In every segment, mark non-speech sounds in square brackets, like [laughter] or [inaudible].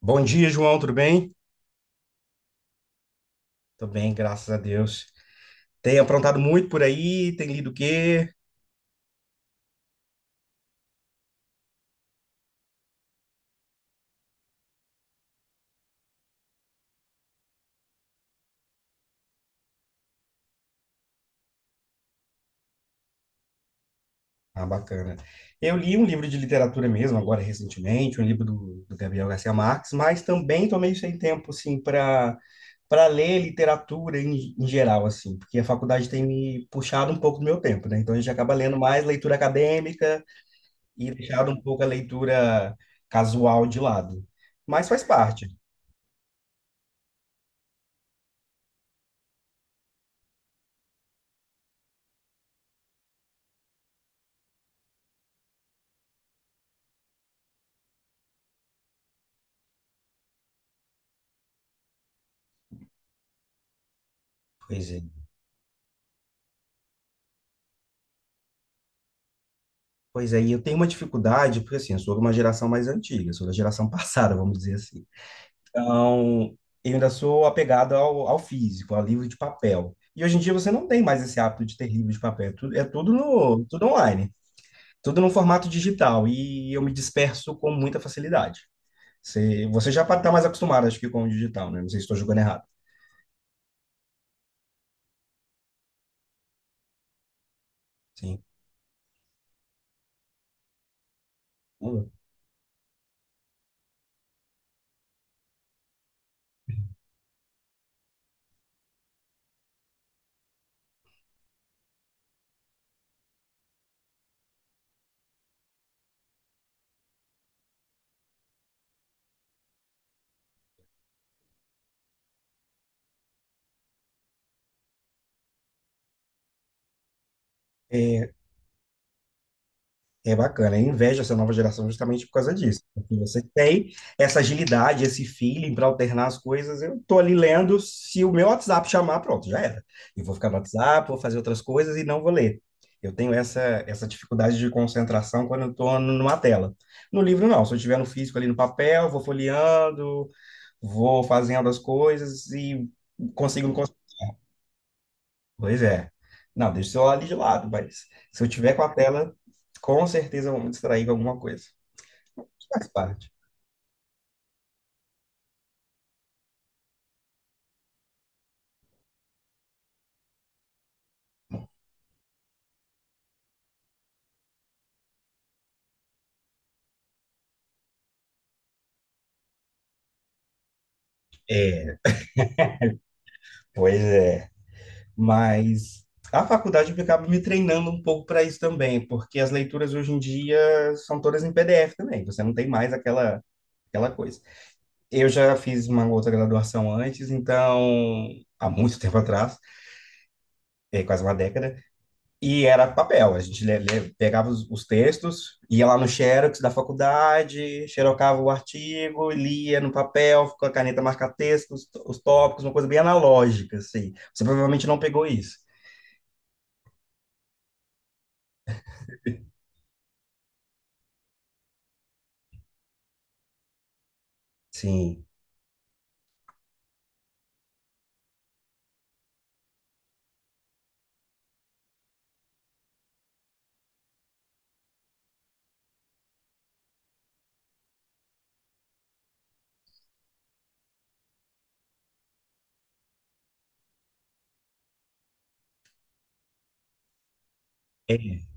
Bom dia, João, tudo bem? Tô bem, graças a Deus. Tem aprontado muito por aí? Tem lido o quê? Ah, bacana. Eu li um livro de literatura mesmo, agora recentemente, um livro do Gabriel Garcia Marques, mas também tô meio sem tempo, assim, para ler literatura em geral, assim, porque a faculdade tem me puxado um pouco do meu tempo, né? Então a gente acaba lendo mais leitura acadêmica e deixado um pouco a leitura casual de lado. Mas faz parte. Pois é. Pois é, e eu tenho uma dificuldade, porque assim, eu sou de uma geração mais antiga, sou da geração [laughs] passada, vamos dizer assim. Então, eu ainda sou apegado ao físico, ao livro de papel. E hoje em dia você não tem mais esse hábito de ter livro de papel, é tudo, tudo online, tudo no formato digital, e eu me disperso com muita facilidade. Você já está mais acostumado, acho que, com o digital, né? Não sei se estou julgando errado. Sim. Hum. É bacana, eu invejo essa nova geração justamente por causa disso. Porque você tem essa agilidade, esse feeling para alternar as coisas. Eu tô ali lendo, se o meu WhatsApp chamar, pronto, já era. Eu vou ficar no WhatsApp, vou fazer outras coisas e não vou ler. Eu tenho essa, essa dificuldade de concentração quando eu estou numa tela. No livro, não. Se eu estiver no físico ali no papel, vou folheando, vou fazendo as coisas e consigo me concentrar. Pois é. Não, deixa o celular ali de lado, mas se eu tiver com a tela, com certeza eu vou me distrair com alguma coisa. Faz parte. Pois é. Mas a faculdade acaba me treinando um pouco para isso também, porque as leituras hoje em dia são todas em PDF também, você não tem mais aquela, aquela coisa. Eu já fiz uma outra graduação antes, então, há muito tempo atrás, é, quase uma década. E era papel, a gente pegava os textos, ia lá no Xerox da faculdade, xerocava o artigo, lia no papel, com a caneta marca-texto, os tópicos, uma coisa bem analógica, assim. Você provavelmente não pegou isso. Sim. É.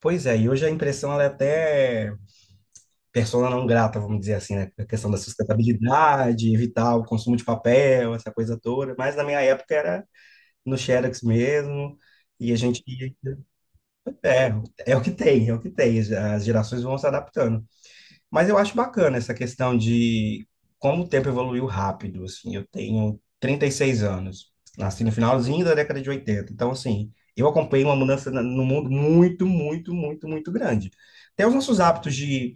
Pois é, e hoje a impressão ela é até persona não grata, vamos dizer assim, né? A questão da sustentabilidade, evitar o consumo de papel, essa coisa toda. Mas na minha época era no Xerox mesmo, e a gente ia. É, é o que tem, é o que tem. As gerações vão se adaptando. Mas eu acho bacana essa questão de como o tempo evoluiu rápido, assim, eu tenho 36 anos, nasci no finalzinho da década de oitenta, então, assim, eu acompanhei uma mudança no mundo muito, muito, muito, muito grande. Até os nossos hábitos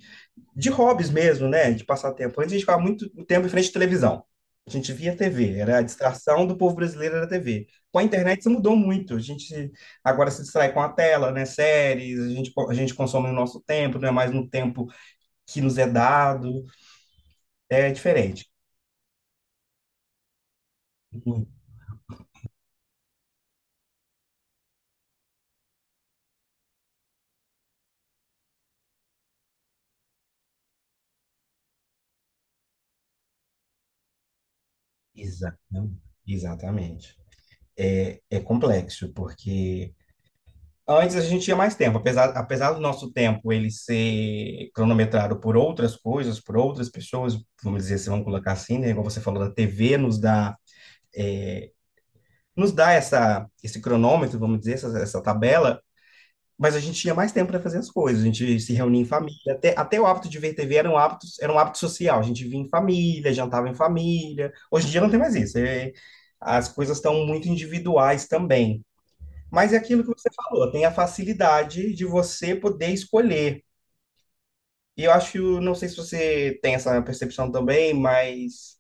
de hobbies mesmo, né, de passar tempo. Antes a gente ficava muito tempo em frente à televisão, a gente via TV, era a distração do povo brasileiro, era a TV. Com a internet isso mudou muito, a gente agora se distrai com a tela, né, séries, a gente consome no nosso tempo, não é mais no tempo que nos é dado, é diferente. Exatamente. Exatamente. É, é complexo, porque antes a gente tinha mais tempo, apesar do nosso tempo ele ser cronometrado por outras coisas, por outras pessoas, vamos dizer, se vamos colocar assim, né? Igual você falou, a TV nos dá, é, nos dá esse cronômetro, vamos dizer, essa tabela. Mas a gente tinha mais tempo para fazer as coisas, a gente se reunia em família, até o hábito de ver TV era um hábito social, a gente vinha em família, jantava em família. Hoje em dia não tem mais isso, as coisas estão muito individuais também. Mas é aquilo que você falou, tem a facilidade de você poder escolher. E eu acho, não sei se você tem essa percepção também, mas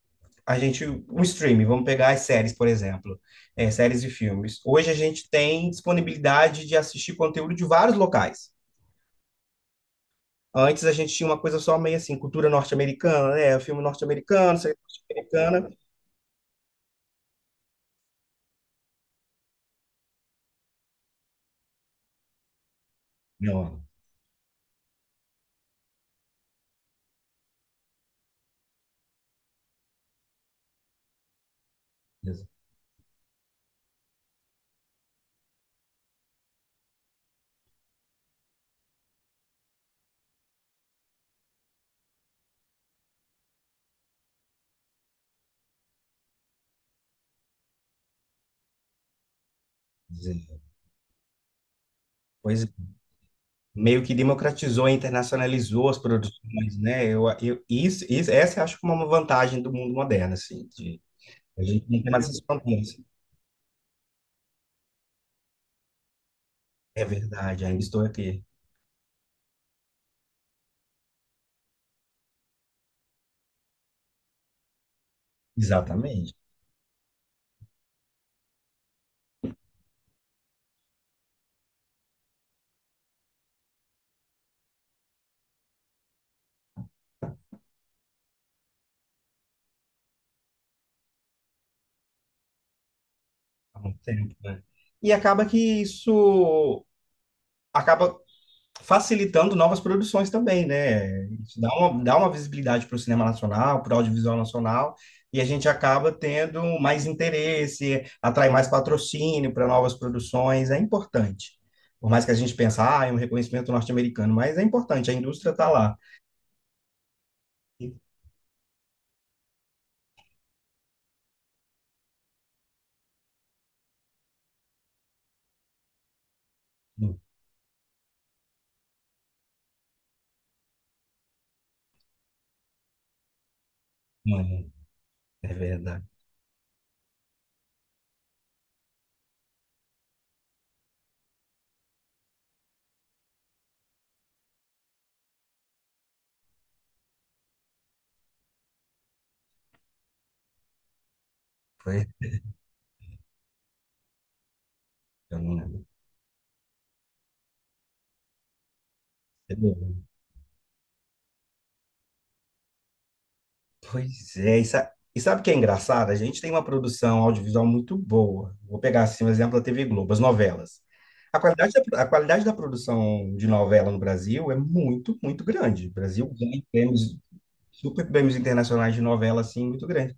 a gente, o streaming, vamos pegar as séries, por exemplo, é, séries e filmes. Hoje a gente tem disponibilidade de assistir conteúdo de vários locais. Antes a gente tinha uma coisa só meio assim, cultura norte-americana, né? Filme norte-americano, série norte-americana. Não, ex- ex- pois meio que democratizou e internacionalizou as produções, né? Isso, essa eu acho que é uma vantagem do mundo moderno, assim, de a gente não tem mais essas fronteiras. É verdade, ainda estou aqui. Exatamente. Há muito tempo, né? E acaba que isso acaba facilitando novas produções também, né? Isso dá dá uma visibilidade para o cinema nacional, para o audiovisual nacional, e a gente acaba tendo mais interesse, atrai mais patrocínio para novas produções, é importante. Por mais que a gente pense, ah, é um reconhecimento norte-americano, mas é importante, a indústria está lá. Mano, é verdade. Foi, eu não lembro. Pois é, e sabe o que é engraçado? A gente tem uma produção audiovisual muito boa. Vou pegar assim um exemplo da TV Globo, as novelas. A qualidade da produção de novela no Brasil é muito, muito grande. O Brasil ganha prêmios, super prêmios internacionais de novela, assim, muito grande.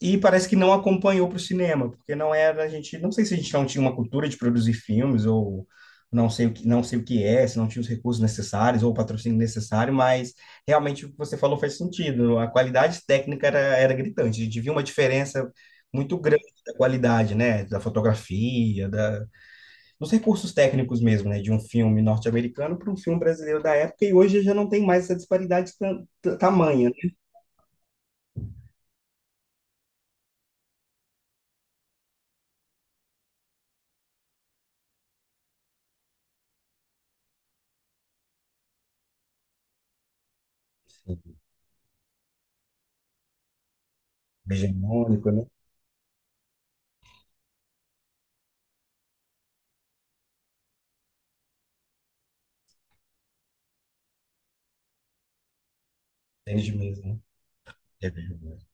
E parece que não acompanhou para o cinema, porque não era a gente, não sei se a gente não tinha uma cultura de produzir filmes ou não sei o que, não sei o que é, se não tinha os recursos necessários ou o patrocínio necessário, mas realmente o que você falou faz sentido. A qualidade técnica era, era gritante. A gente viu uma diferença muito grande da qualidade, né, da fotografia, dos recursos técnicos mesmo, né, de um filme norte-americano para um filme brasileiro da época. E hoje já não tem mais essa disparidade tamanha, né? Hegemônico, né? Desde mesmo, né? É verdade.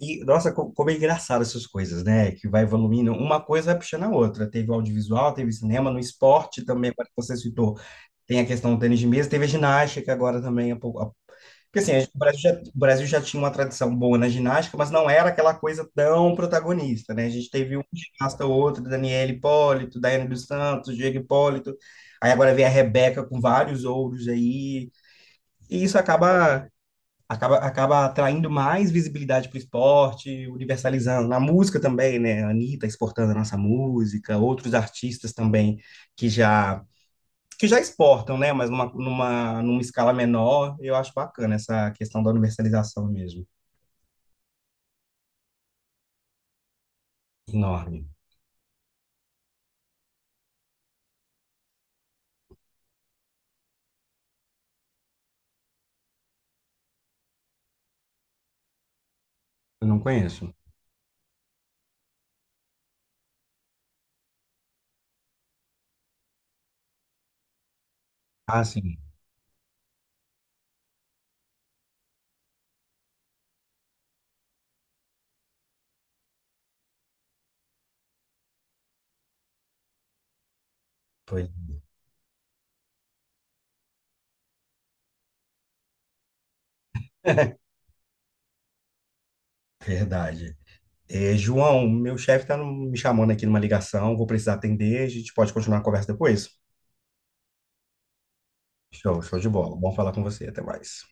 E, nossa, como é engraçado essas coisas, né? Que vai evoluindo, uma coisa vai puxando a outra. Teve o audiovisual, teve cinema, no esporte também, agora que você citou, tem a questão do tênis de mesa, teve a ginástica agora também. Porque assim, o Brasil já tinha uma tradição boa na ginástica, mas não era aquela coisa tão protagonista, né? A gente teve um ginasta ou outro, Daniel Hipólito, Daiane dos Santos, Diego Hipólito, aí agora vem a Rebeca com vários ouros aí, e isso acaba atraindo mais visibilidade para o esporte, universalizando. Na música também, né? A Anitta exportando a nossa música, outros artistas também que já que já exportam, né? Mas numa escala menor, eu acho bacana essa questão da universalização mesmo. Enorme. Eu não conheço. Ah, sim. Pois. [laughs] Verdade. É, João, meu chefe está me chamando aqui numa ligação, vou precisar atender, a gente pode continuar a conversa depois? Show, show de bola. Bom falar com você, até mais.